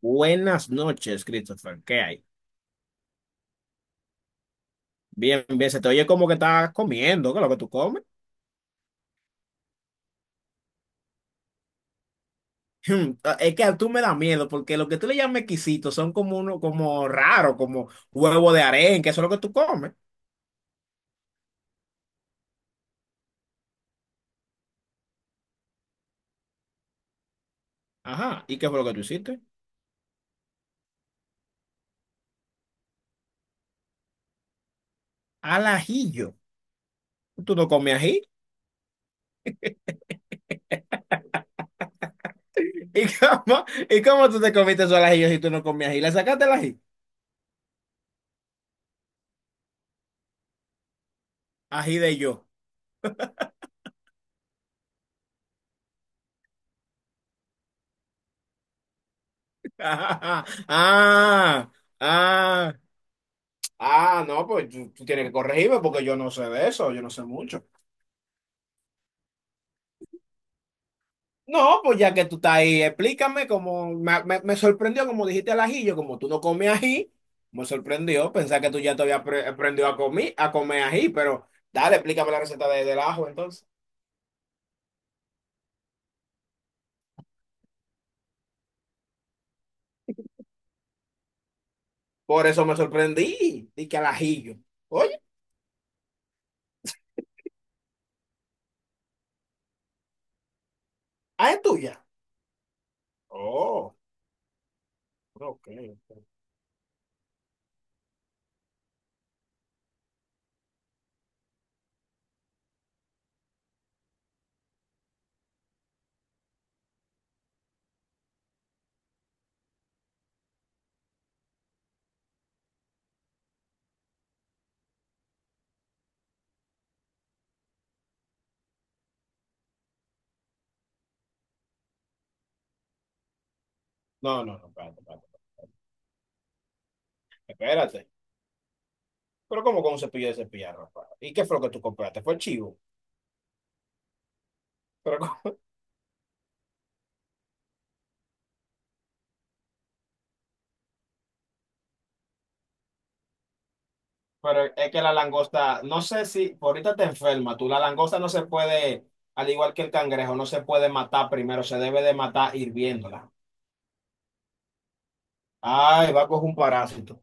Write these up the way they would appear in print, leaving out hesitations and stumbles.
Buenas noches, Christopher. ¿Qué hay? Bien, se te oye como que estás comiendo, ¿qué es lo que tú comes? Es que a tú me da miedo porque lo que tú le llamas exquisitos son como uno, como raro, como huevo de arenque, que eso es lo que tú comes. Ajá, ¿y qué fue lo que tú hiciste? Al ajillo. ¿Tú no comes ají? ¿Y cómo, y cómo tú te comiste eso al ajillo si tú no comías ají? ¿Le sacaste el ají? Ají de yo. Ah, ah, ah, no, pues tú tienes que corregirme porque yo no sé de eso, yo no sé mucho. No, pues ya que tú estás ahí, explícame cómo me sorprendió, como dijiste al ajillo, como tú no comes ají, me sorprendió pensar que tú ya te habías aprendido a comer ají, pero dale, explícame la receta del ajo entonces. Por eso me sorprendí, dije al ajillo. Oye, ah, es tuya. Oh, ok. No, espérate. Espérate. Pero como con un cepillo de cepillar, ¿ropa? ¿Y qué fue lo que tú compraste? Fue chivo. Pero Pero es que la langosta, no sé si por ahorita te enferma, tú, la langosta no se puede, al igual que el cangrejo, no se puede matar primero, se debe de matar hirviéndola. Ay, va a coger un parásito.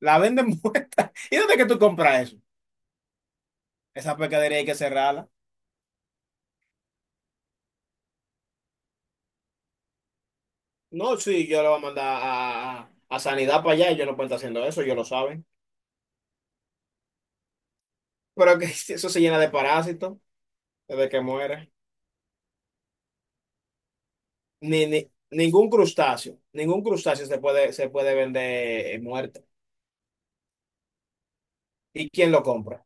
La venden muerta. ¿Y dónde es que tú compras eso? Esa pescadería hay que cerrarla. No, sí, yo la voy a mandar a, a sanidad para allá, ellos no pueden estar haciendo eso, ellos lo saben. Pero que eso se llena de parásitos desde que muere. Ni, ni, ningún crustáceo se puede vender muerto. ¿Y quién lo compra?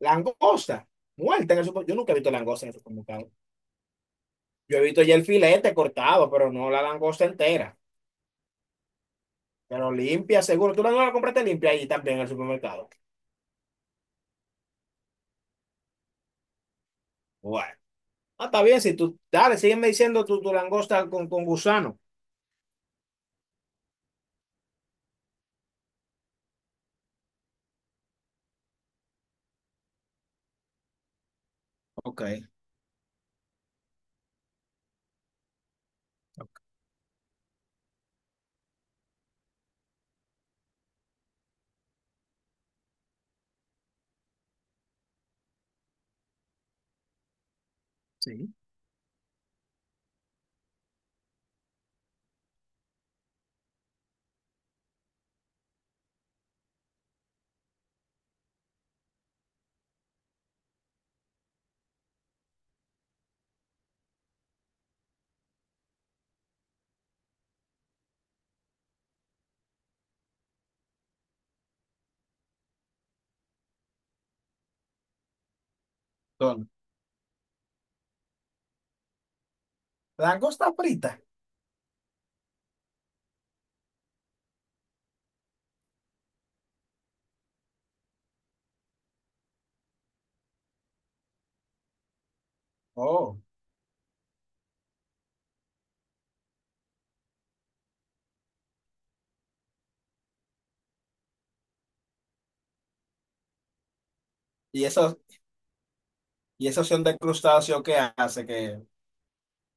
Langosta, muerta en el supermercado. Yo nunca he visto langosta en el supermercado. Yo he visto ya el filete cortado, pero no la langosta entera. Pero limpia, seguro. Tú la no la compraste limpia ahí también en el supermercado. Bueno, ah, está bien. Si tú, dale, sígueme diciendo tu, tu langosta con gusano. Ok. Ok, sí. Son langosta frita. Oh, y eso, y esa opción de crustáceo que hace que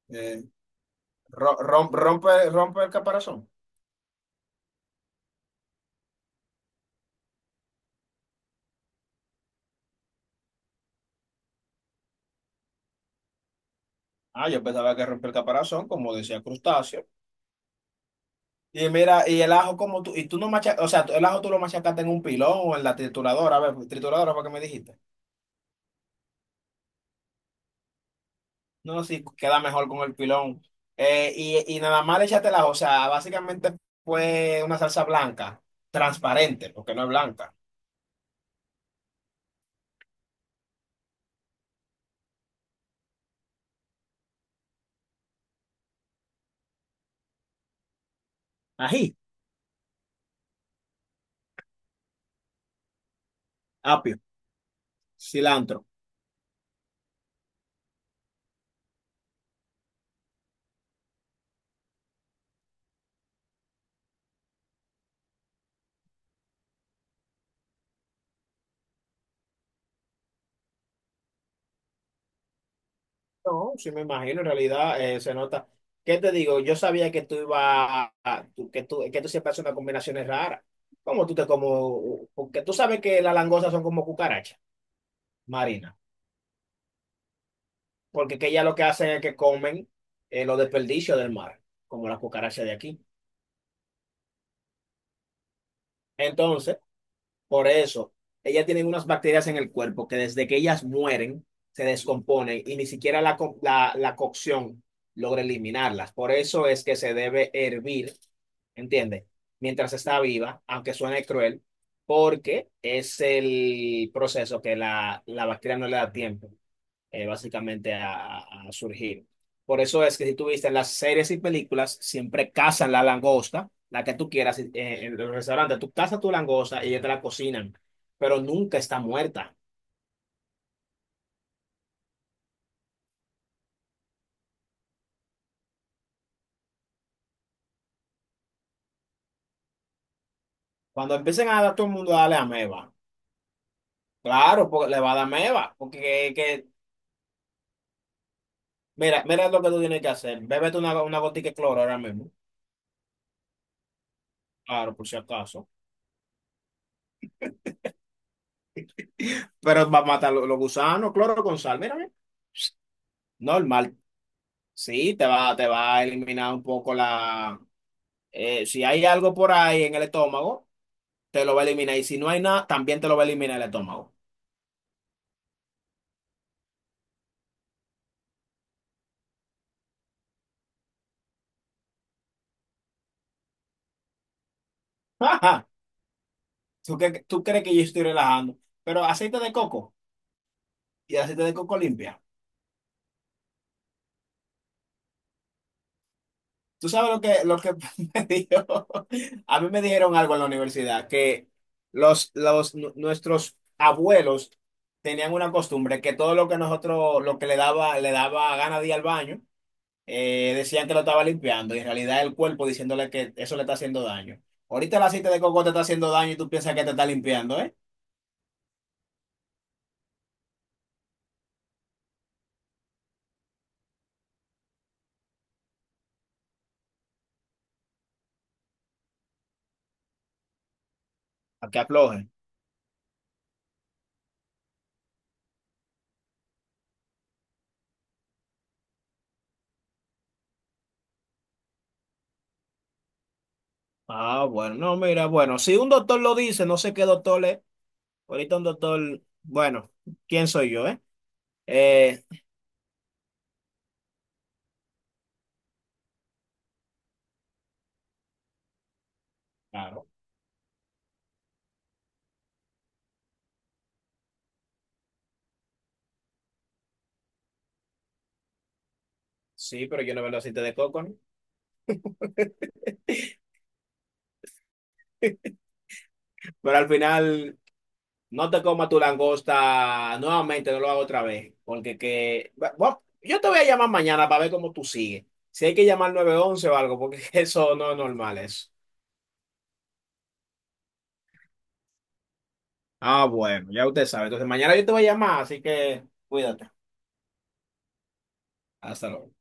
eh, rompe, rompe el caparazón. Ah, yo pensaba que rompe el caparazón, como decía crustáceo. Y mira, y el ajo como tú, y tú no machacas, o sea, el ajo tú lo machacaste en un pilón o en la trituradora, a ver, pues, trituradora fue que me dijiste. No, no, sí, queda mejor con el pilón. Y nada más le echaste el ajo, o sea, básicamente fue una salsa blanca, transparente, porque no es blanca. Ají, apio. Cilantro. No, sí me imagino, en realidad se nota. ¿Qué te digo? Yo sabía que tú ibas a que tú, que tú siempre haces unas combinaciones raras. ¿Cómo tú te como? Porque tú sabes que las langostas son como cucarachas marinas. Porque que ellas lo que hacen es que comen los desperdicios del mar, como las cucarachas de aquí. Entonces, por eso, ellas tienen unas bacterias en el cuerpo que desde que ellas mueren, se descomponen y ni siquiera la cocción logra eliminarlas. Por eso es que se debe hervir, ¿entiendes? Mientras está viva, aunque suene cruel, porque es el proceso que la bacteria no le da tiempo, básicamente a surgir. Por eso es que si tú viste las series y películas, siempre cazan la langosta, la que tú quieras, en los restaurantes, tú cazas tu langosta y ellos te la cocinan, pero nunca está muerta. Cuando empiecen a dar todo el mundo a darle ameba, claro, porque le va a dar ameba, porque mira, mira lo que tú tienes que hacer, bébete una gotica de cloro ahora mismo, claro, por si acaso, pero va a matar los gusanos, cloro con sal, mira, mira, normal, sí, te va a eliminar un poco la... si hay algo por ahí en el estómago, te lo va a eliminar. Y si no hay nada, también te lo va a eliminar el estómago. Ajá. ¿Tú, tú crees que yo estoy relajando? Pero aceite de coco y aceite de coco limpia. ¿Tú sabes lo que me dijo? A mí me dijeron algo en la universidad, que nuestros abuelos tenían una costumbre que todo lo que nosotros, lo que le daba gana de ir al baño, decían que lo estaba limpiando y en realidad el cuerpo diciéndole que eso le está haciendo daño. Ahorita el aceite de coco te está haciendo daño y tú piensas que te está limpiando, ¿eh? A que afloje. Ah, bueno, no, mira, bueno, si un doctor lo dice, no sé qué doctor es, ahorita un doctor, bueno, ¿quién soy yo, eh? Eh, claro, sí, pero yo no veo el aceite de coco, ¿no? Pero al final no te comas tu langosta nuevamente, no lo hago otra vez. Porque que... bueno, yo te voy a llamar mañana para ver cómo tú sigues. Si hay que llamar 911 o algo, porque eso no es normal, eso. Ah, bueno, ya usted sabe. Entonces mañana yo te voy a llamar, así que cuídate. Hasta luego.